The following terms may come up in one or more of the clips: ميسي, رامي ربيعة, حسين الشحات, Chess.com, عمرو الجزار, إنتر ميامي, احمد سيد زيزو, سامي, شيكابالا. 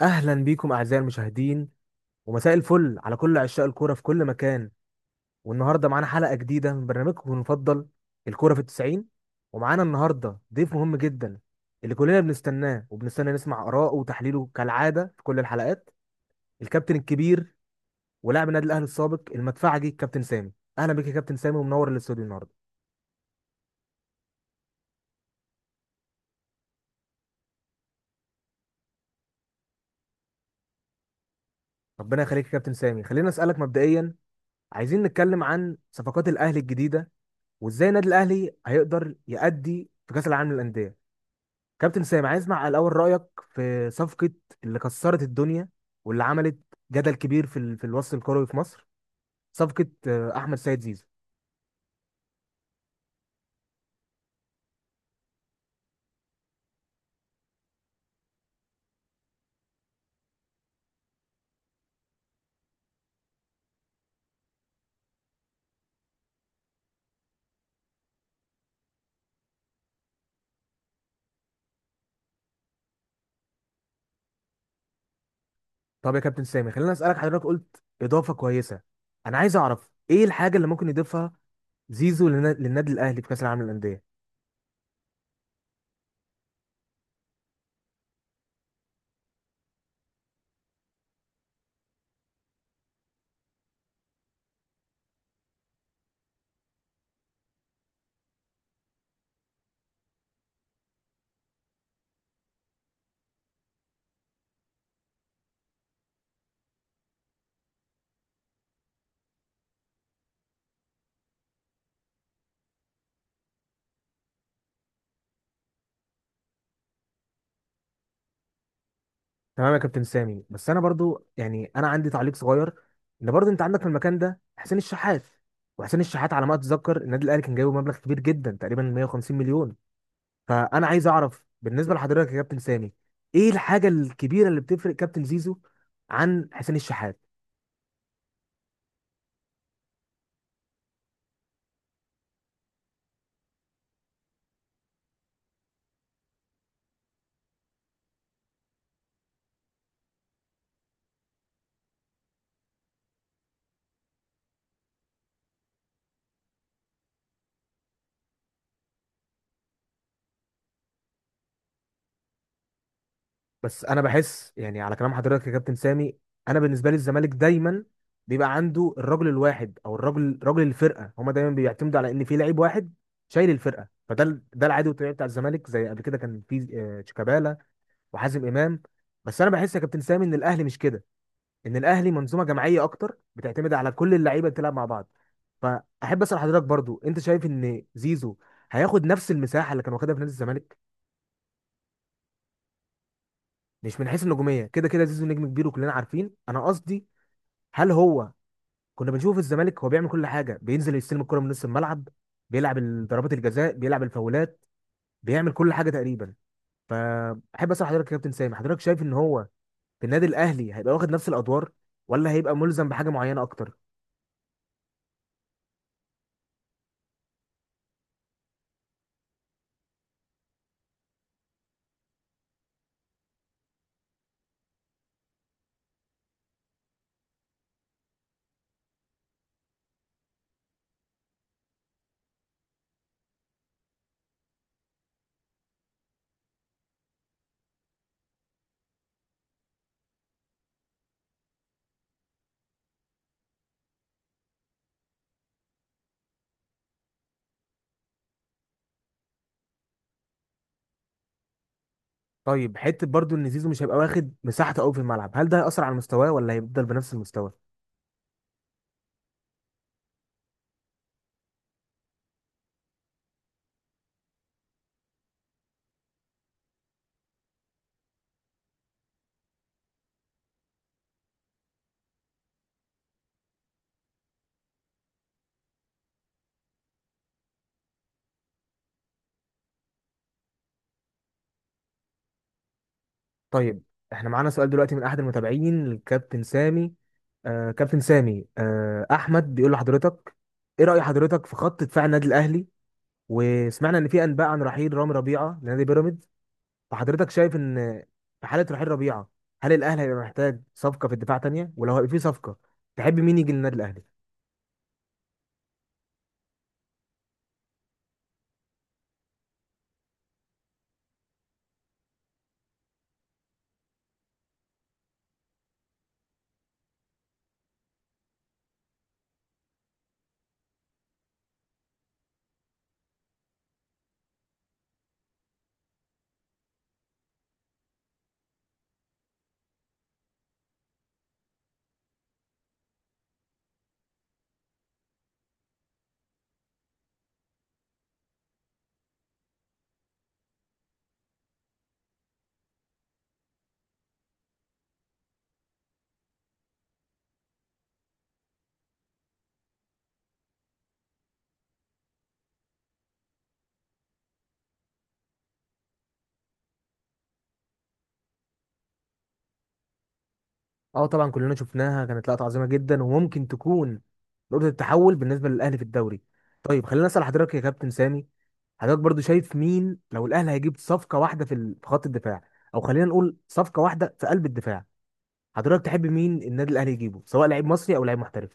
اهلا بيكم اعزائي المشاهدين، ومساء الفل على كل عشاق الكوره في كل مكان. والنهارده معانا حلقه جديده من برنامجكم المفضل الكوره في التسعين. ومعانا النهارده ضيف مهم جدا اللي كلنا بنستناه وبنستنى نسمع اراءه وتحليله كالعاده في كل الحلقات، الكابتن الكبير ولاعب النادي الاهلي السابق المدفعجي كابتن سامي. اهلا بيك يا كابتن سامي ومنور الاستوديو النهارده. ربنا يخليك يا كابتن سامي، خلينا اسالك مبدئيا، عايزين نتكلم عن صفقات الاهلي الجديده وازاي النادي الاهلي هيقدر يأدي في كاس العالم للانديه. كابتن سامي عايز اسمع الاول رايك في صفقه اللي كسرت الدنيا واللي عملت جدل كبير في الوسط الكروي في مصر، صفقه احمد سيد زيزو. طب يا كابتن سامي خلينا اسالك، حضرتك قلت اضافه كويسه، انا عايز اعرف ايه الحاجه اللي ممكن يضيفها زيزو لن... للنادي الاهلي في كاس العالم للانديه. تمام يا كابتن سامي، بس انا برضو يعني انا عندي تعليق صغير، ان برضو انت عندك في المكان ده حسين الشحات، وحسين الشحات على ما اتذكر النادي الاهلي كان جايبه مبلغ كبير جدا، تقريبا 150 مليون. فانا عايز اعرف بالنسبه لحضرتك يا كابتن سامي ايه الحاجه الكبيره اللي بتفرق كابتن زيزو عن حسين الشحات. بس انا بحس يعني على كلام حضرتك يا كابتن سامي، انا بالنسبه لي الزمالك دايما بيبقى عنده الرجل الواحد او الرجل، رجل الفرقه، هما دايما بيعتمدوا على ان في لعيب واحد شايل الفرقه، ده العادي والطبيعي بتاع الزمالك، زي قبل كده كان في شيكابالا وحازم امام. بس انا بحس يا كابتن سامي ان الاهلي مش كده، ان الاهلي منظومه جماعيه اكتر بتعتمد على كل اللعيبه اللي بتلعب مع بعض. فاحب اسال حضرتك برضو انت شايف ان زيزو هياخد نفس المساحه اللي كان واخدها في نادي الزمالك؟ مش من حيث النجوميه، كده كده زيزو نجم كبير وكلنا عارفين، انا قصدي هل هو كنا بنشوفه في الزمالك هو بيعمل كل حاجه، بينزل يستلم الكره من نص الملعب، بيلعب ضربات الجزاء، بيلعب الفاولات، بيعمل كل حاجه تقريبا. فاحب اسال حضرتك يا كابتن سامي، حضرتك شايف ان هو في النادي الاهلي هيبقى واخد نفس الادوار ولا هيبقى ملزم بحاجه معينه اكتر؟ طيب حته برضو ان زيزو مش هيبقى واخد مساحته قوي في الملعب، هل ده هيأثر على مستواه ولا هيفضل بنفس المستوى؟ طيب احنا معانا سؤال دلوقتي من احد المتابعين الكابتن سامي. كابتن سامي، احمد بيقول لحضرتك، ايه رأي حضرتك في خط دفاع النادي الاهلي؟ وسمعنا ان في انباء عن رحيل رامي ربيعة لنادي بيراميدز، فحضرتك شايف ان في حالة رحيل ربيعة، هل الاهلي هيبقى محتاج صفقة في الدفاع تانية؟ ولو هيبقى في صفقة تحب مين يجي للنادي الاهلي؟ اه طبعا كلنا شفناها، كانت لقطة عظيمة جدا وممكن تكون نقطة التحول بالنسبة للاهلي في الدوري. طيب خلينا اسأل حضرتك يا كابتن سامي، حضرتك برضو شايف مين لو الاهلي هيجيب صفقه واحده في خط الدفاع، او خلينا نقول صفقه واحده في قلب الدفاع، حضرتك تحب مين النادي الاهلي يجيبه، سواء لعيب مصري او لعيب محترف؟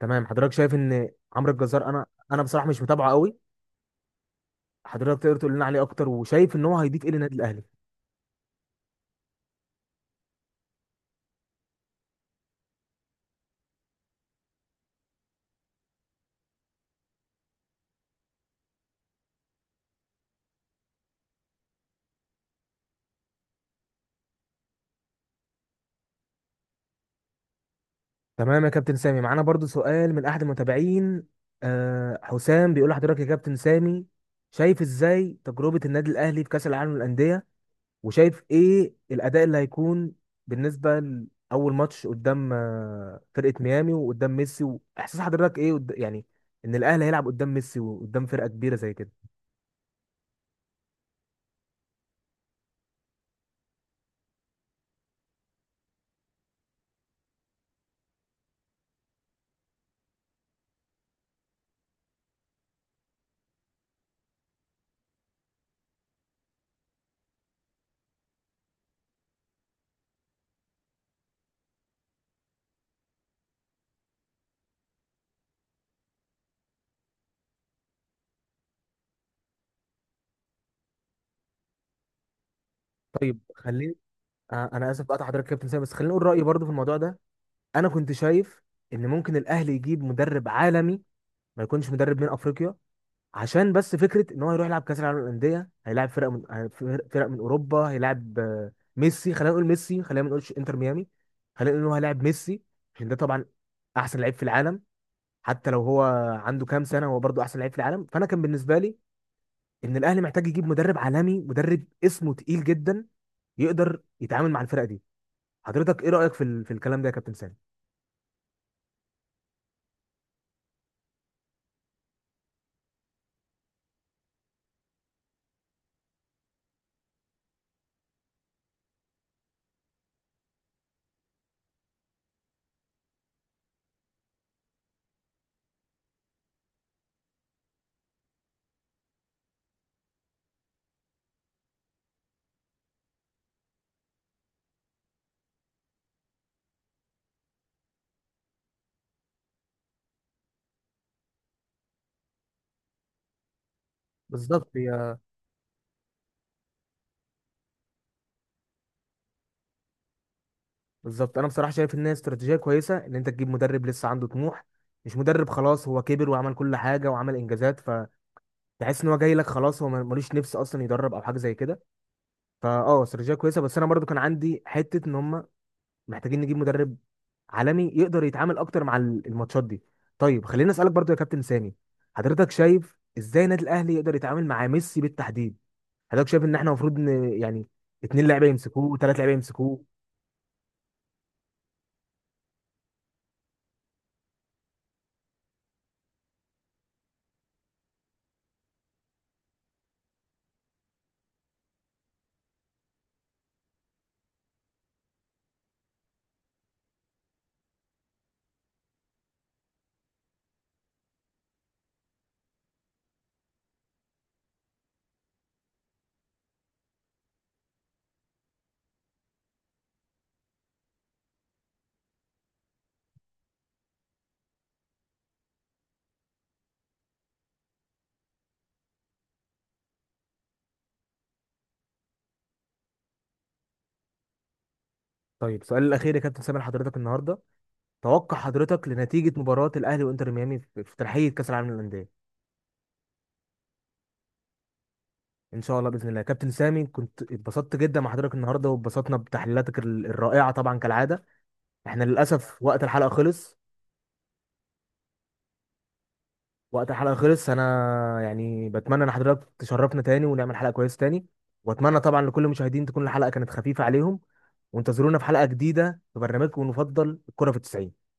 تمام حضرتك شايف ان عمرو الجزار، انا بصراحه مش متابعه قوي، حضرتك تقدر تقول لنا عليه اكتر وشايف ان هو هيضيف ايه للنادي الاهلي؟ تمام يا كابتن سامي معانا برضو سؤال من احد المتابعين. حسام بيقول لحضرتك يا كابتن سامي، شايف ازاي تجربه النادي الاهلي في كاس العالم للانديه؟ وشايف ايه الاداء اللي هيكون بالنسبه لاول ماتش قدام فرقه ميامي وقدام ميسي؟ واحساس حضرتك ايه يعني ان الاهلي هيلعب قدام ميسي وقدام فرقه كبيره زي كده؟ طيب خليني، انا اسف بقطع حضرتك يا كابتن سامي، بس خليني اقول رايي برضو في الموضوع ده. انا كنت شايف ان ممكن الاهلي يجيب مدرب عالمي، ما يكونش مدرب من افريقيا، عشان بس فكره ان هو هيروح يلعب كاس العالم للانديه، هيلاعب فرق فرق من اوروبا، هيلاعب ميسي. خلينا نقول ميسي، خلينا ما نقولش انتر ميامي، خلينا نقول ان هو هيلاعب ميسي عشان ده طبعا احسن لعيب في العالم. حتى لو هو عنده كام سنه هو برضه احسن لعيب في العالم، فانا كان بالنسبه لي ان الاهلي محتاج يجيب مدرب عالمي، مدرب اسمه تقيل جدا يقدر يتعامل مع الفرقه دي. حضرتك ايه رايك في الكلام ده يا كابتن سامي؟ بالظبط هي، بالظبط انا بصراحه شايف ان هي استراتيجيه كويسه ان انت تجيب مدرب لسه عنده طموح، مش مدرب خلاص هو كبر وعمل كل حاجه وعمل انجازات فتحس ان هو جاي لك خلاص، هو ملوش نفس اصلا يدرب او حاجه زي كده. فاه استراتيجيه كويسه، بس انا برضو كان عندي حته ان هم محتاجين نجيب مدرب عالمي يقدر يتعامل اكتر مع الماتشات دي. طيب خليني اسالك برضو يا كابتن سامي، حضرتك شايف ازاي النادي الاهلي يقدر يتعامل مع ميسي بالتحديد؟ حضرتك شايف ان احنا المفروض يعني اتنين لعيبه يمسكوه وثلاث لعيبه يمسكوه؟ طيب سؤال الاخير يا كابتن سامي لحضرتك النهارده، توقع حضرتك لنتيجة مباراة الأهلي وإنتر ميامي في ترحية كأس العالم للأندية؟ إن شاء الله بإذن الله. كابتن سامي كنت اتبسطت جدا مع حضرتك النهاردة، واتبسطنا بتحليلاتك الرائعة طبعا كالعادة. إحنا للأسف وقت الحلقة خلص. وقت الحلقة خلص، أنا يعني بتمنى إن حضرتك تشرفنا تاني ونعمل حلقة كويسة تاني. وأتمنى طبعا لكل المشاهدين تكون الحلقة كانت خفيفة عليهم، وانتظرونا في حلقة جديدة في برنامجكم المفضل الكرة في التسعين.